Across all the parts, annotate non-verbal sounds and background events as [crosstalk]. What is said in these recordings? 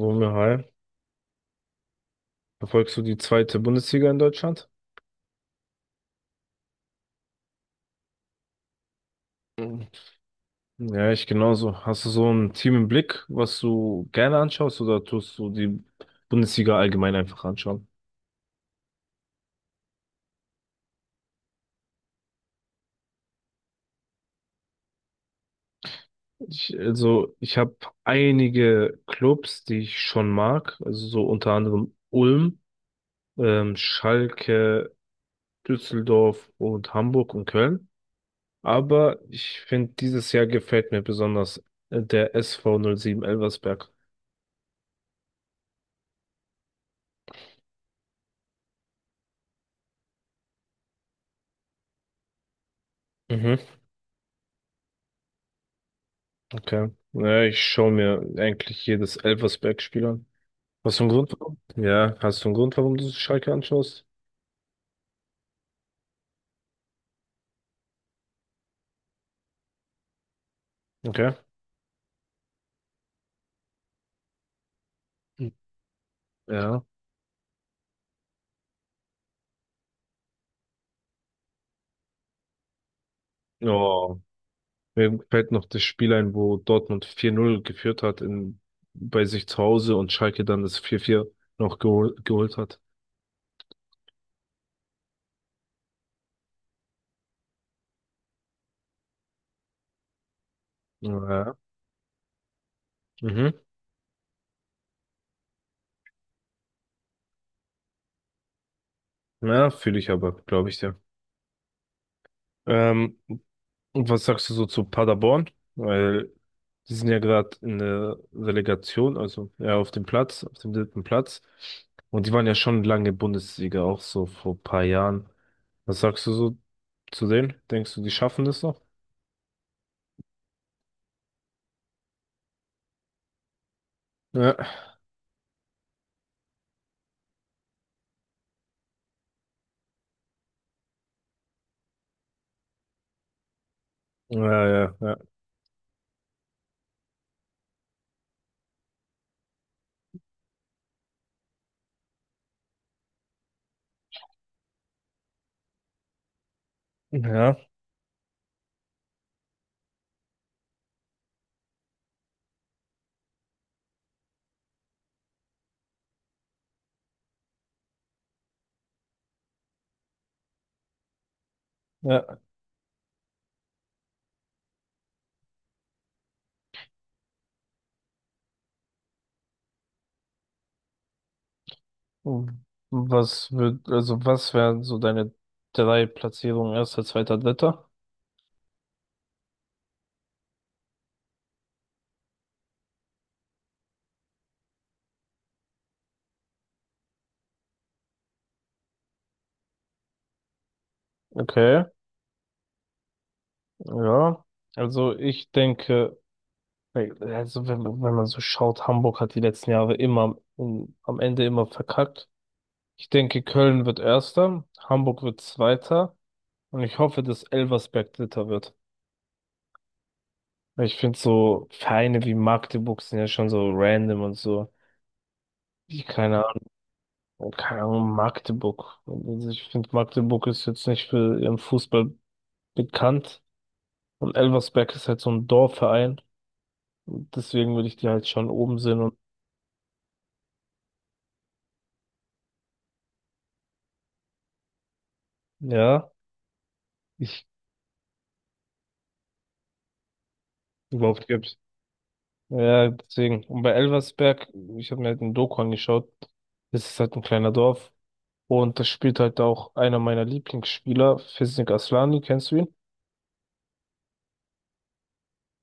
Romeo, hi. Verfolgst du die zweite Bundesliga in Deutschland? Mhm. Ja, ich genauso. Hast du so ein Team im Blick, was du gerne anschaust oder tust du die Bundesliga allgemein einfach anschauen? Also, ich habe einige Clubs, die ich schon mag, also so unter anderem Ulm, Schalke, Düsseldorf und Hamburg und Köln. Aber ich finde, dieses Jahr gefällt mir besonders der SV 07 Elversberg. Mhm. Okay. Naja, ich schaue mir eigentlich jedes Elversberg-Spiel an. Hast du einen Grund, warum? Ja, hast du einen Grund, warum du Schalke anschaust? Okay. Ja. Oh, mir fällt noch das Spiel ein, wo Dortmund 4-0 geführt hat bei sich zu Hause und Schalke dann das 4-4 noch geholt hat. Ja. Mhm. Ja, fühle ich aber, glaube ich dir. Ähm, Und was sagst du so zu Paderborn? Weil die sind ja gerade in der Relegation, also ja auf dem dritten Platz. Und die waren ja schon lange Bundesliga, auch so vor ein paar Jahren. Was sagst du so zu denen? Denkst du, die schaffen das noch? Ja, ja, ja, ja. Ja, ja. Also, was wären so deine drei Platzierungen, erster, zweiter, dritter? Okay, ja. Also ich denke, also wenn man so schaut, Hamburg hat die letzten Jahre immer am Ende immer verkackt. Ich denke, Köln wird Erster, Hamburg wird Zweiter und ich hoffe, dass Elversberg Dritter wird. Weil ich finde, so Vereine wie Magdeburg sind ja schon so random und so. Ich Keine Ahnung, keine Ahnung, Magdeburg. Also ich finde, Magdeburg ist jetzt nicht für ihren Fußball bekannt und Elversberg ist halt so ein Dorfverein. Und deswegen würde ich die halt schon oben sehen und ja, ich überhaupt gibt. Ja, deswegen. Und bei Elversberg, ich habe mir halt ein Doku angeschaut, das ist halt ein kleiner Dorf. Und das spielt halt auch einer meiner Lieblingsspieler, Fisnik Aslani, kennst du ihn?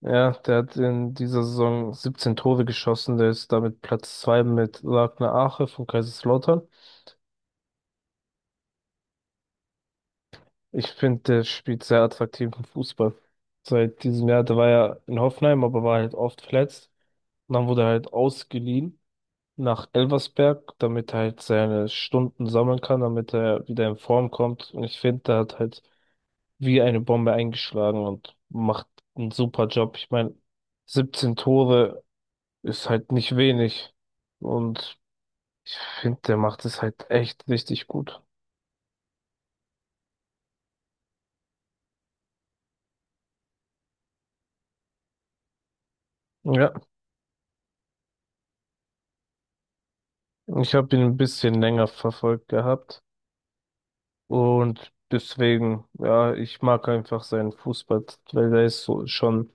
Ja, der hat in dieser Saison 17 Tore geschossen, der ist damit Platz 2 mit Ragnar Ache von Kaiserslautern. Ich finde, der spielt sehr attraktiven Fußball. Seit diesem Jahr, der war ja in Hoffenheim, aber war halt oft verletzt. Und dann wurde er halt ausgeliehen nach Elversberg, damit er halt seine Stunden sammeln kann, damit er wieder in Form kommt. Und ich finde, der hat halt wie eine Bombe eingeschlagen und macht einen super Job. Ich meine, 17 Tore ist halt nicht wenig. Und ich finde, der macht es halt echt richtig gut. Ja, ich habe ihn ein bisschen länger verfolgt gehabt. Und deswegen, ja, ich mag einfach seinen Fußball, weil der ist so schon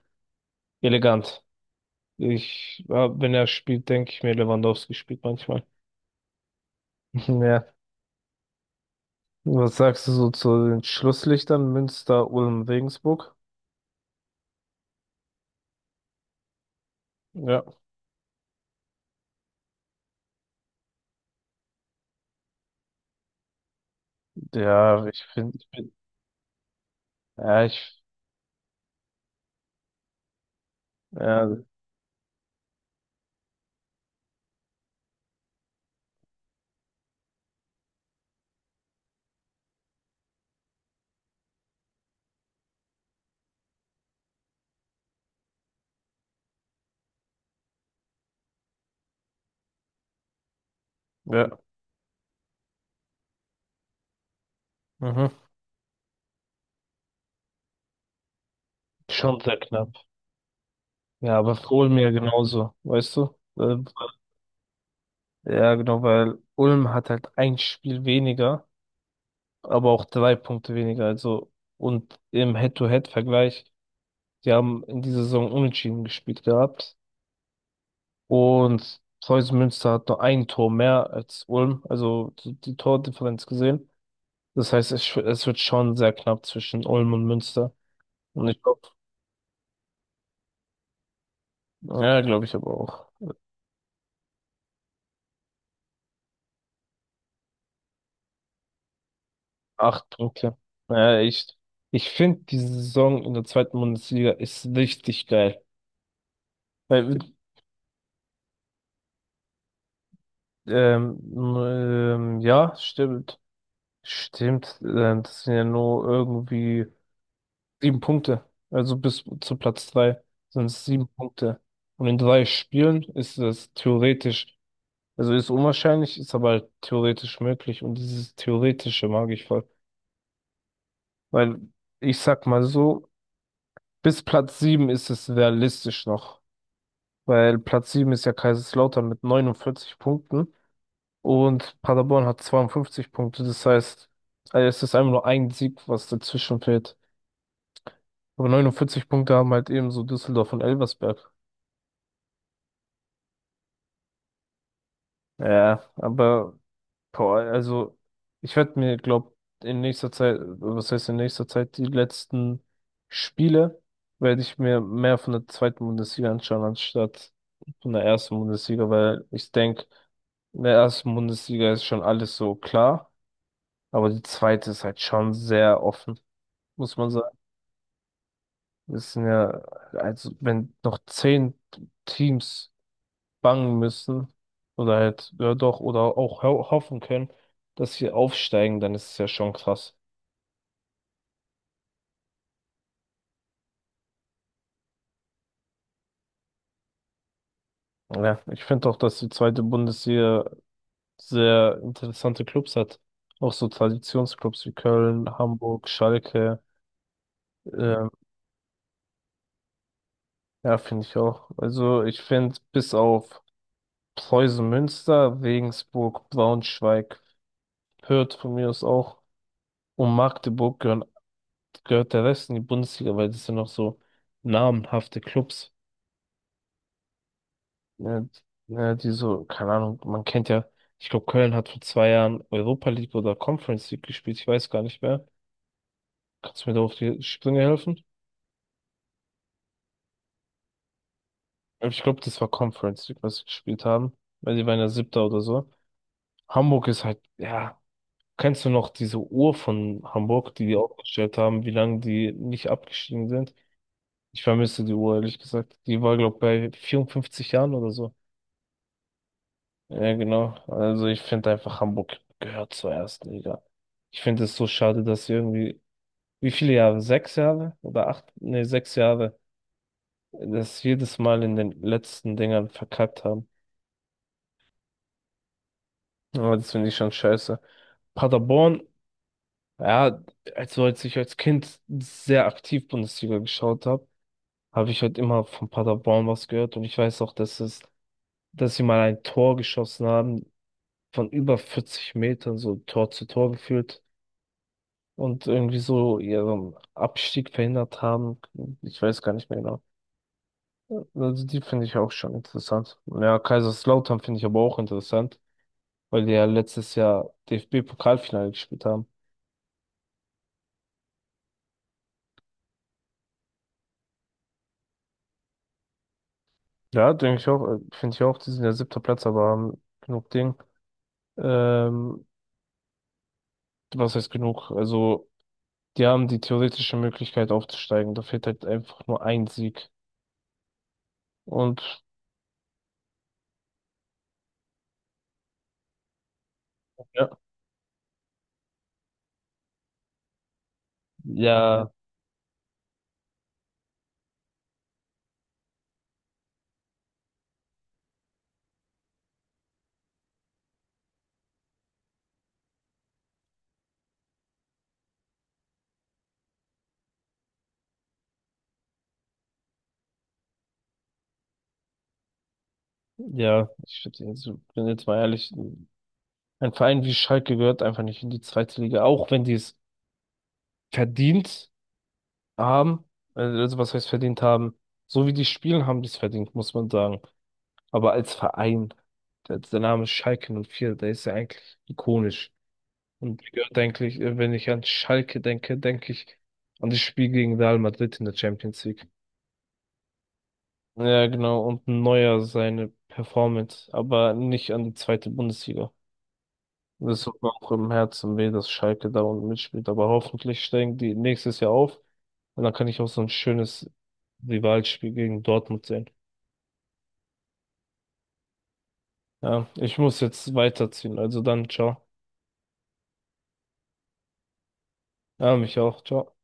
elegant. Ja, wenn er spielt, denke ich mir, Lewandowski spielt manchmal. [laughs] Ja. Was sagst du so zu den Schlusslichtern Münster, Ulm, Regensburg? Ja. Ja, ich finde, ich bin, ja, ich, ja, ja, mhm. Schon sehr knapp. Ja, aber für Ulm ja genauso, weißt du? Ja, genau, weil Ulm hat halt ein Spiel weniger, aber auch drei Punkte weniger. Also, und im Head-to-Head-Vergleich, die haben in dieser Saison unentschieden gespielt gehabt. Und Preußen Münster hat nur ein Tor mehr als Ulm, also die Tordifferenz gesehen. Das heißt, es wird schon sehr knapp zwischen Ulm und Münster. Und ich glaube, ja, glaube ich aber auch. Acht Punkte. Naja, ich finde, diese Saison in der zweiten Bundesliga ist richtig geil. Weil, ähm, ja, stimmt. Stimmt. Das sind ja nur irgendwie sieben Punkte. Also bis zu Platz drei sind es sieben Punkte. Und in drei Spielen ist das theoretisch, also ist unwahrscheinlich, ist aber halt theoretisch möglich. Und dieses Theoretische mag ich voll. Weil ich sag mal so, bis Platz 7 ist es realistisch noch, weil Platz 7 ist ja Kaiserslautern mit 49 Punkten und Paderborn hat 52 Punkte. Das heißt, es ist einfach nur ein Sieg, was dazwischen fehlt. Aber 49 Punkte haben halt ebenso Düsseldorf und Elversberg. Ja, aber boah, also ich werde mir, glaube in nächster Zeit, was heißt in nächster Zeit, die letzten Spiele werde ich mir mehr von der zweiten Bundesliga anschauen, anstatt von der ersten Bundesliga, weil ich denke, in der ersten Bundesliga ist schon alles so klar, aber die zweite ist halt schon sehr offen, muss man sagen. Es sind ja, also wenn noch zehn Teams bangen müssen oder halt, ja doch, oder auch ho hoffen können, dass sie aufsteigen, dann ist es ja schon krass. Ja, ich finde auch, dass die zweite Bundesliga sehr interessante Clubs hat. Auch so Traditionsclubs wie Köln, Hamburg, Schalke. Ähm, ja, finde ich auch. Also ich finde, bis auf Preußen Münster, Regensburg, Braunschweig, Fürth von mir aus auch und Magdeburg gehören, gehört der Rest in die Bundesliga, weil das sind noch so namenhafte Clubs. Ja, ja, die so, keine Ahnung, man kennt ja, ich glaube, Köln hat vor 2 Jahren Europa League oder Conference League gespielt, ich weiß gar nicht mehr. Kannst du mir da auf die Sprünge helfen? Aber ich glaube, das war Conference League, was sie gespielt haben, weil die waren ja Siebter oder so. Hamburg ist halt, ja, kennst du noch diese Uhr von Hamburg, die die aufgestellt haben, wie lange die nicht abgestiegen sind? Ich vermisse die Uhr, ehrlich gesagt. Die war, glaube ich, bei 54 Jahren oder so. Ja, genau. Also ich finde einfach, Hamburg gehört zur ersten Liga. Ich finde es so schade, dass sie irgendwie, wie viele Jahre? Sechs Jahre oder acht? Nee, sechs Jahre, das jedes Mal in den letzten Dingern verkackt haben. Aber das finde ich schon scheiße. Paderborn, ja, also als ich als Kind sehr aktiv Bundesliga geschaut habe, habe ich halt immer von Paderborn was gehört und ich weiß auch, dass sie mal ein Tor geschossen haben von über 40 Metern, so Tor zu Tor geführt. Und irgendwie so ihren Abstieg verhindert haben. Ich weiß gar nicht mehr genau. Also die finde ich auch schon interessant. Ja, Kaiserslautern finde ich aber auch interessant, weil die ja letztes Jahr DFB-Pokalfinale gespielt haben. Ja, denke ich auch, finde ich auch, die sind ja siebter Platz, aber haben genug Ding. Ähm, Was heißt genug? Also, die haben die theoretische Möglichkeit aufzusteigen. Da fehlt halt einfach nur ein Sieg. Und ja, ja, ja, bin jetzt mal ehrlich, ein Verein wie Schalke gehört einfach nicht in die zweite Liga, auch wenn die es verdient haben. Also was heißt verdient haben? So wie die spielen, haben die es verdient, muss man sagen. Aber als Verein, der Name Schalke 04, der ist ja eigentlich ikonisch. Und ich gehört eigentlich, wenn ich an Schalke denke, denke ich an das Spiel gegen Real Madrid in der Champions League. Ja, genau, und Neuer seine Performance, aber nicht an die zweite Bundesliga. Das tut mir auch im Herzen weh, dass Schalke da unten mitspielt. Aber hoffentlich steigen die nächstes Jahr auf. Und dann kann ich auch so ein schönes Rivalspiel gegen Dortmund sehen. Ja, ich muss jetzt weiterziehen. Also dann, ciao. Ja, mich auch. Ciao.